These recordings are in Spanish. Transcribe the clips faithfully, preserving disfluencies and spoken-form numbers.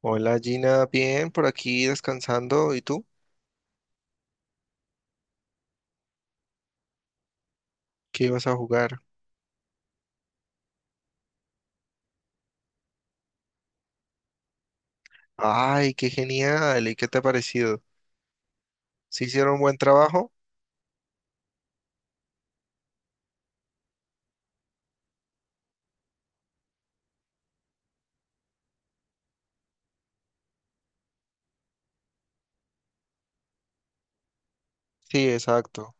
Hola Gina, bien, por aquí descansando. ¿Y tú? ¿Qué ibas a jugar? Ay, qué genial. ¿Y qué te ha parecido? ¿Sí hicieron buen trabajo? Sí, exacto.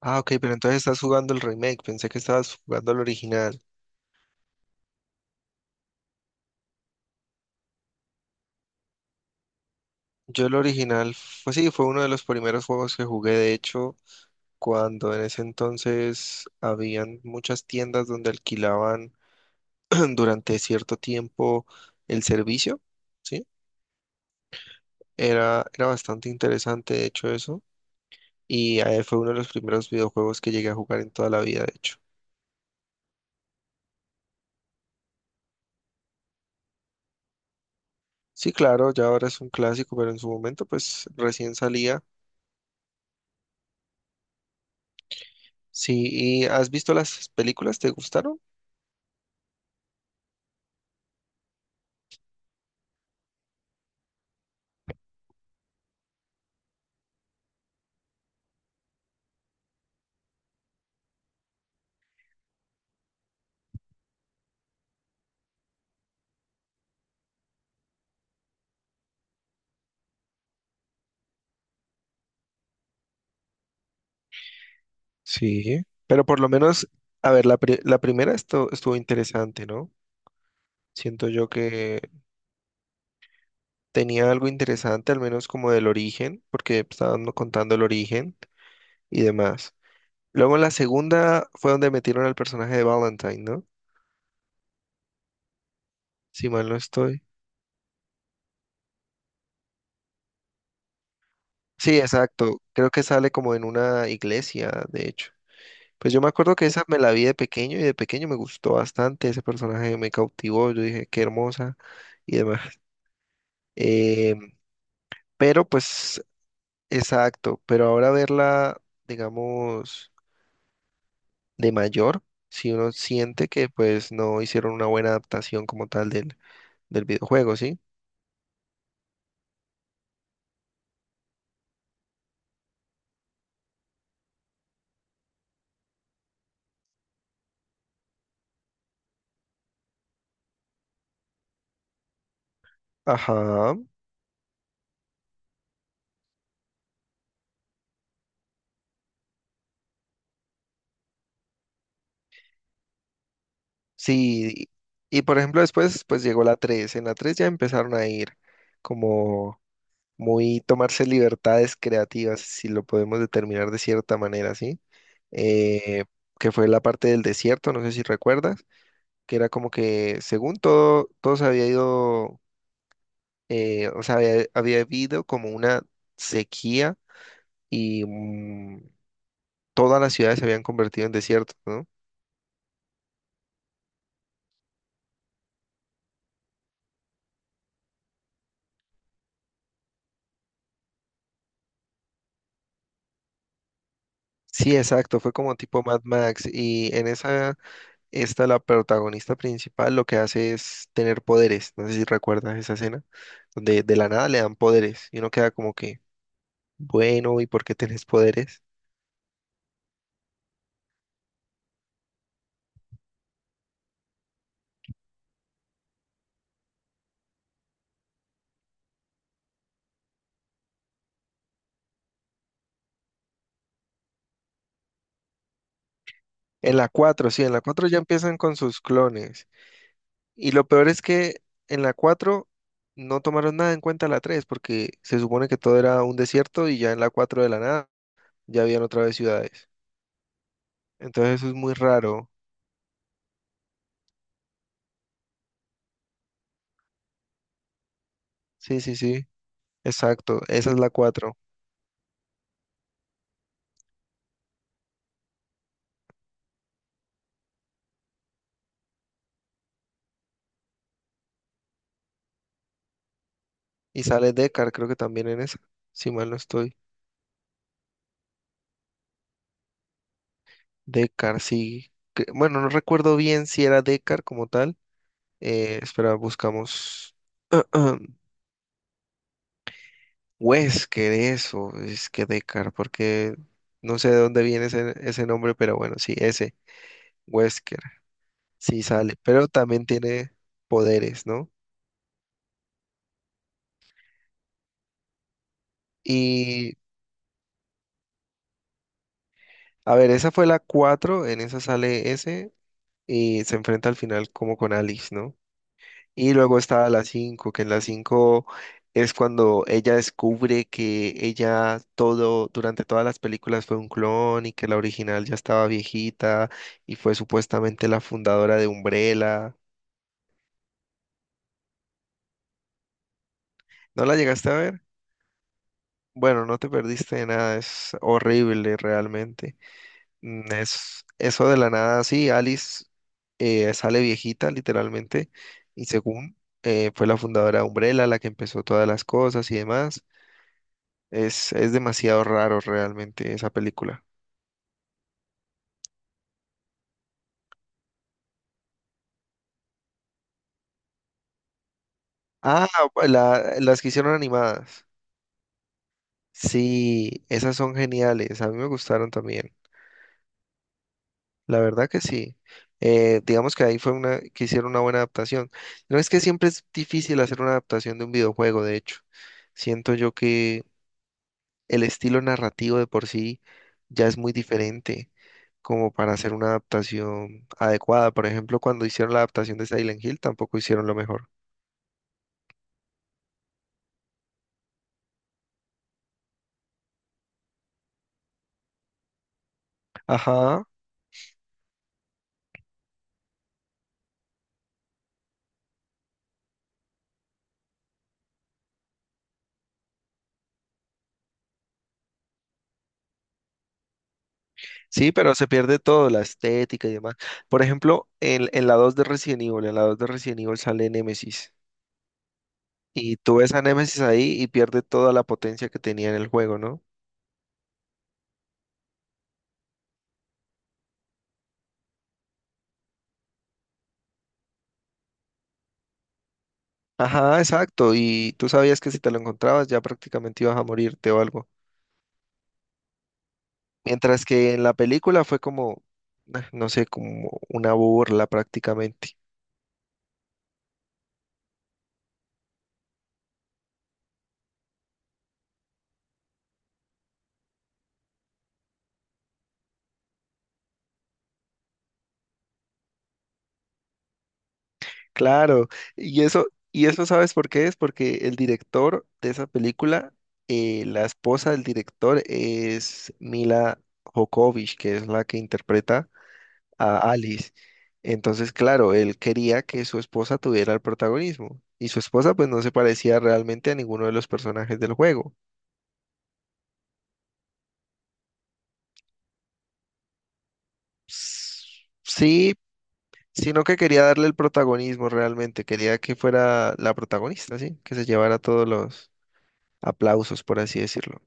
Ah, ok, pero entonces estás jugando el remake. Pensé que estabas jugando el original. Yo el original, pues sí, fue uno de los primeros juegos que jugué, de hecho, cuando en ese entonces habían muchas tiendas donde alquilaban durante cierto tiempo el servicio, ¿sí? Era, era bastante interesante, de hecho, eso. Y eh, fue uno de los primeros videojuegos que llegué a jugar en toda la vida, de hecho. Sí, claro, ya ahora es un clásico, pero en su momento pues recién salía. Sí, ¿y has visto las películas? ¿Te gustaron? Sí, pero por lo menos, a ver, la, pri- la primera esto estuvo interesante, ¿no? Siento yo que tenía algo interesante, al menos como del origen, porque estaban no contando el origen y demás. Luego en la segunda fue donde metieron al personaje de Valentine, ¿no? Si mal no estoy. Sí, exacto. Creo que sale como en una iglesia, de hecho. Pues yo me acuerdo que esa me la vi de pequeño y de pequeño me gustó bastante. Ese personaje me cautivó. Yo dije, qué hermosa y demás. Eh, pero pues, exacto. Pero ahora verla, digamos, de mayor, si uno siente que pues no hicieron una buena adaptación como tal del, del videojuego, ¿sí? Ajá. Sí. Y por ejemplo, después pues llegó la tres. En la tres ya empezaron a ir como muy tomarse libertades creativas, si lo podemos determinar de cierta manera, ¿sí? Eh, que fue la parte del desierto, no sé si recuerdas, que era como que según todo, todo se había ido, eh, o sea, había, había habido como una sequía y mm, todas las ciudades se habían convertido en desiertos, ¿no? Sí, exacto, fue como tipo Mad Max y en esa esta, la protagonista principal, lo que hace es tener poderes. No sé si recuerdas esa escena, donde de la nada le dan poderes y uno queda como que, bueno, ¿y por qué tenés poderes? En la cuatro sí, en la cuatro ya empiezan con sus clones. Y lo peor es que en la cuatro no tomaron nada en cuenta la tres porque se supone que todo era un desierto y ya en la cuatro de la nada ya habían otra vez ciudades. Entonces eso es muy raro. Sí, sí, sí, exacto. Esa es la cuatro. Y sale Deckard, creo que también en esa, si mal no estoy. Decar, sí, que- bueno, no recuerdo bien si era Decar como tal. Eh, espera, buscamos. Wesker, eso, es que Decar, porque no sé de dónde viene ese, ese nombre, pero bueno, sí, ese, Wesker, sí sale, pero también tiene poderes, ¿no? Y, a ver, esa fue la cuatro, en esa sale ese y se enfrenta al final como con Alice, ¿no? Y luego está la cinco, que en la cinco es cuando ella descubre que ella todo, durante todas las películas fue un clon y que la original ya estaba viejita y fue supuestamente la fundadora de Umbrella. ¿No la llegaste a ver? Bueno, no te perdiste de nada, es horrible realmente. Mm, Es eso, de la nada, sí, Alice eh, sale viejita literalmente y según eh, fue la fundadora de Umbrella, la que empezó todas las cosas y demás. Es, es demasiado raro realmente esa película. Ah, la- las que hicieron animadas. Sí, esas son geniales. A mí me gustaron también. La verdad que sí. Eh, digamos que ahí fue una que hicieron una buena adaptación. No es que siempre es difícil hacer una adaptación de un videojuego, de hecho. Siento yo que el estilo narrativo de por sí ya es muy diferente como para hacer una adaptación adecuada. Por ejemplo, cuando hicieron la adaptación de Silent Hill, tampoco hicieron lo mejor. Ajá. Sí, pero se pierde todo, la estética y demás. Por ejemplo, en, en la dos de Resident Evil, en la dos de Resident Evil sale Nemesis. Y tú ves a Nemesis ahí y pierde toda la potencia que tenía en el juego, ¿no? Ajá, exacto. Y tú sabías que si te lo encontrabas ya prácticamente ibas a morirte o algo. Mientras que en la película fue como, ah, no sé, como una burla prácticamente. Claro, y eso, y eso sabes por qué es, porque el director de esa película, eh, la esposa del director es Mila Jokovic, que es la que interpreta a Alice. Entonces, claro, él quería que su esposa tuviera el protagonismo, y su esposa pues no se parecía realmente a ninguno de los personajes del juego. S- Sí, sino que quería darle el protagonismo realmente, quería que fuera la protagonista, ¿sí? Que se llevara todos los aplausos, por así decirlo.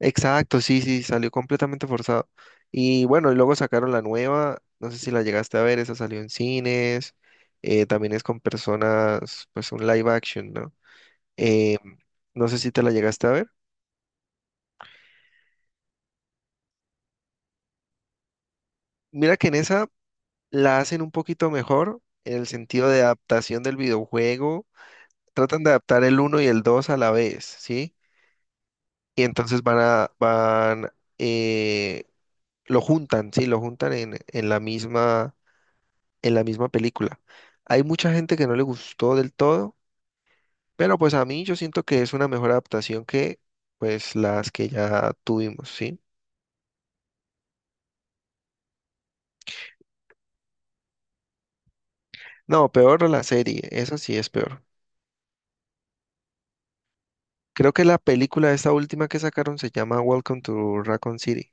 Exacto, sí, sí, salió completamente forzado. Y bueno, y luego sacaron la nueva, no sé si la llegaste a ver, esa salió en cines, eh, también es con personas, pues un live action, ¿no? Eh, no sé si te la llegaste a ver. Mira que en esa la hacen un poquito mejor en el sentido de adaptación del videojuego, tratan de adaptar el uno y el dos a la vez, ¿sí? Y entonces van a, van, eh, lo juntan, sí, lo juntan en, en la misma, en la misma película. Hay mucha gente que no le gustó del todo, pero pues a mí yo siento que es una mejor adaptación que pues las que ya tuvimos, ¿sí? No, peor la serie, esa sí es peor. Creo que la película esta última que sacaron se llama Welcome to Raccoon City.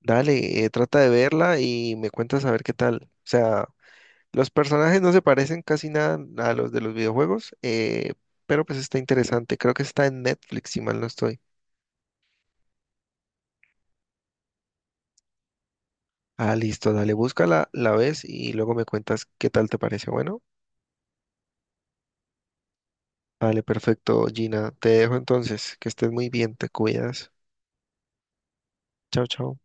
Dale, eh, trata de verla y me cuentas a ver qué tal. O sea, los personajes no se parecen casi nada a los de los videojuegos, eh, pero pues está interesante. Creo que está en Netflix, si mal no estoy. Ah, listo, dale, búscala, la ves y luego me cuentas qué tal te parece. Bueno, dale, perfecto, Gina. Te dejo entonces, que estés muy bien, te cuidas. Chao, chao.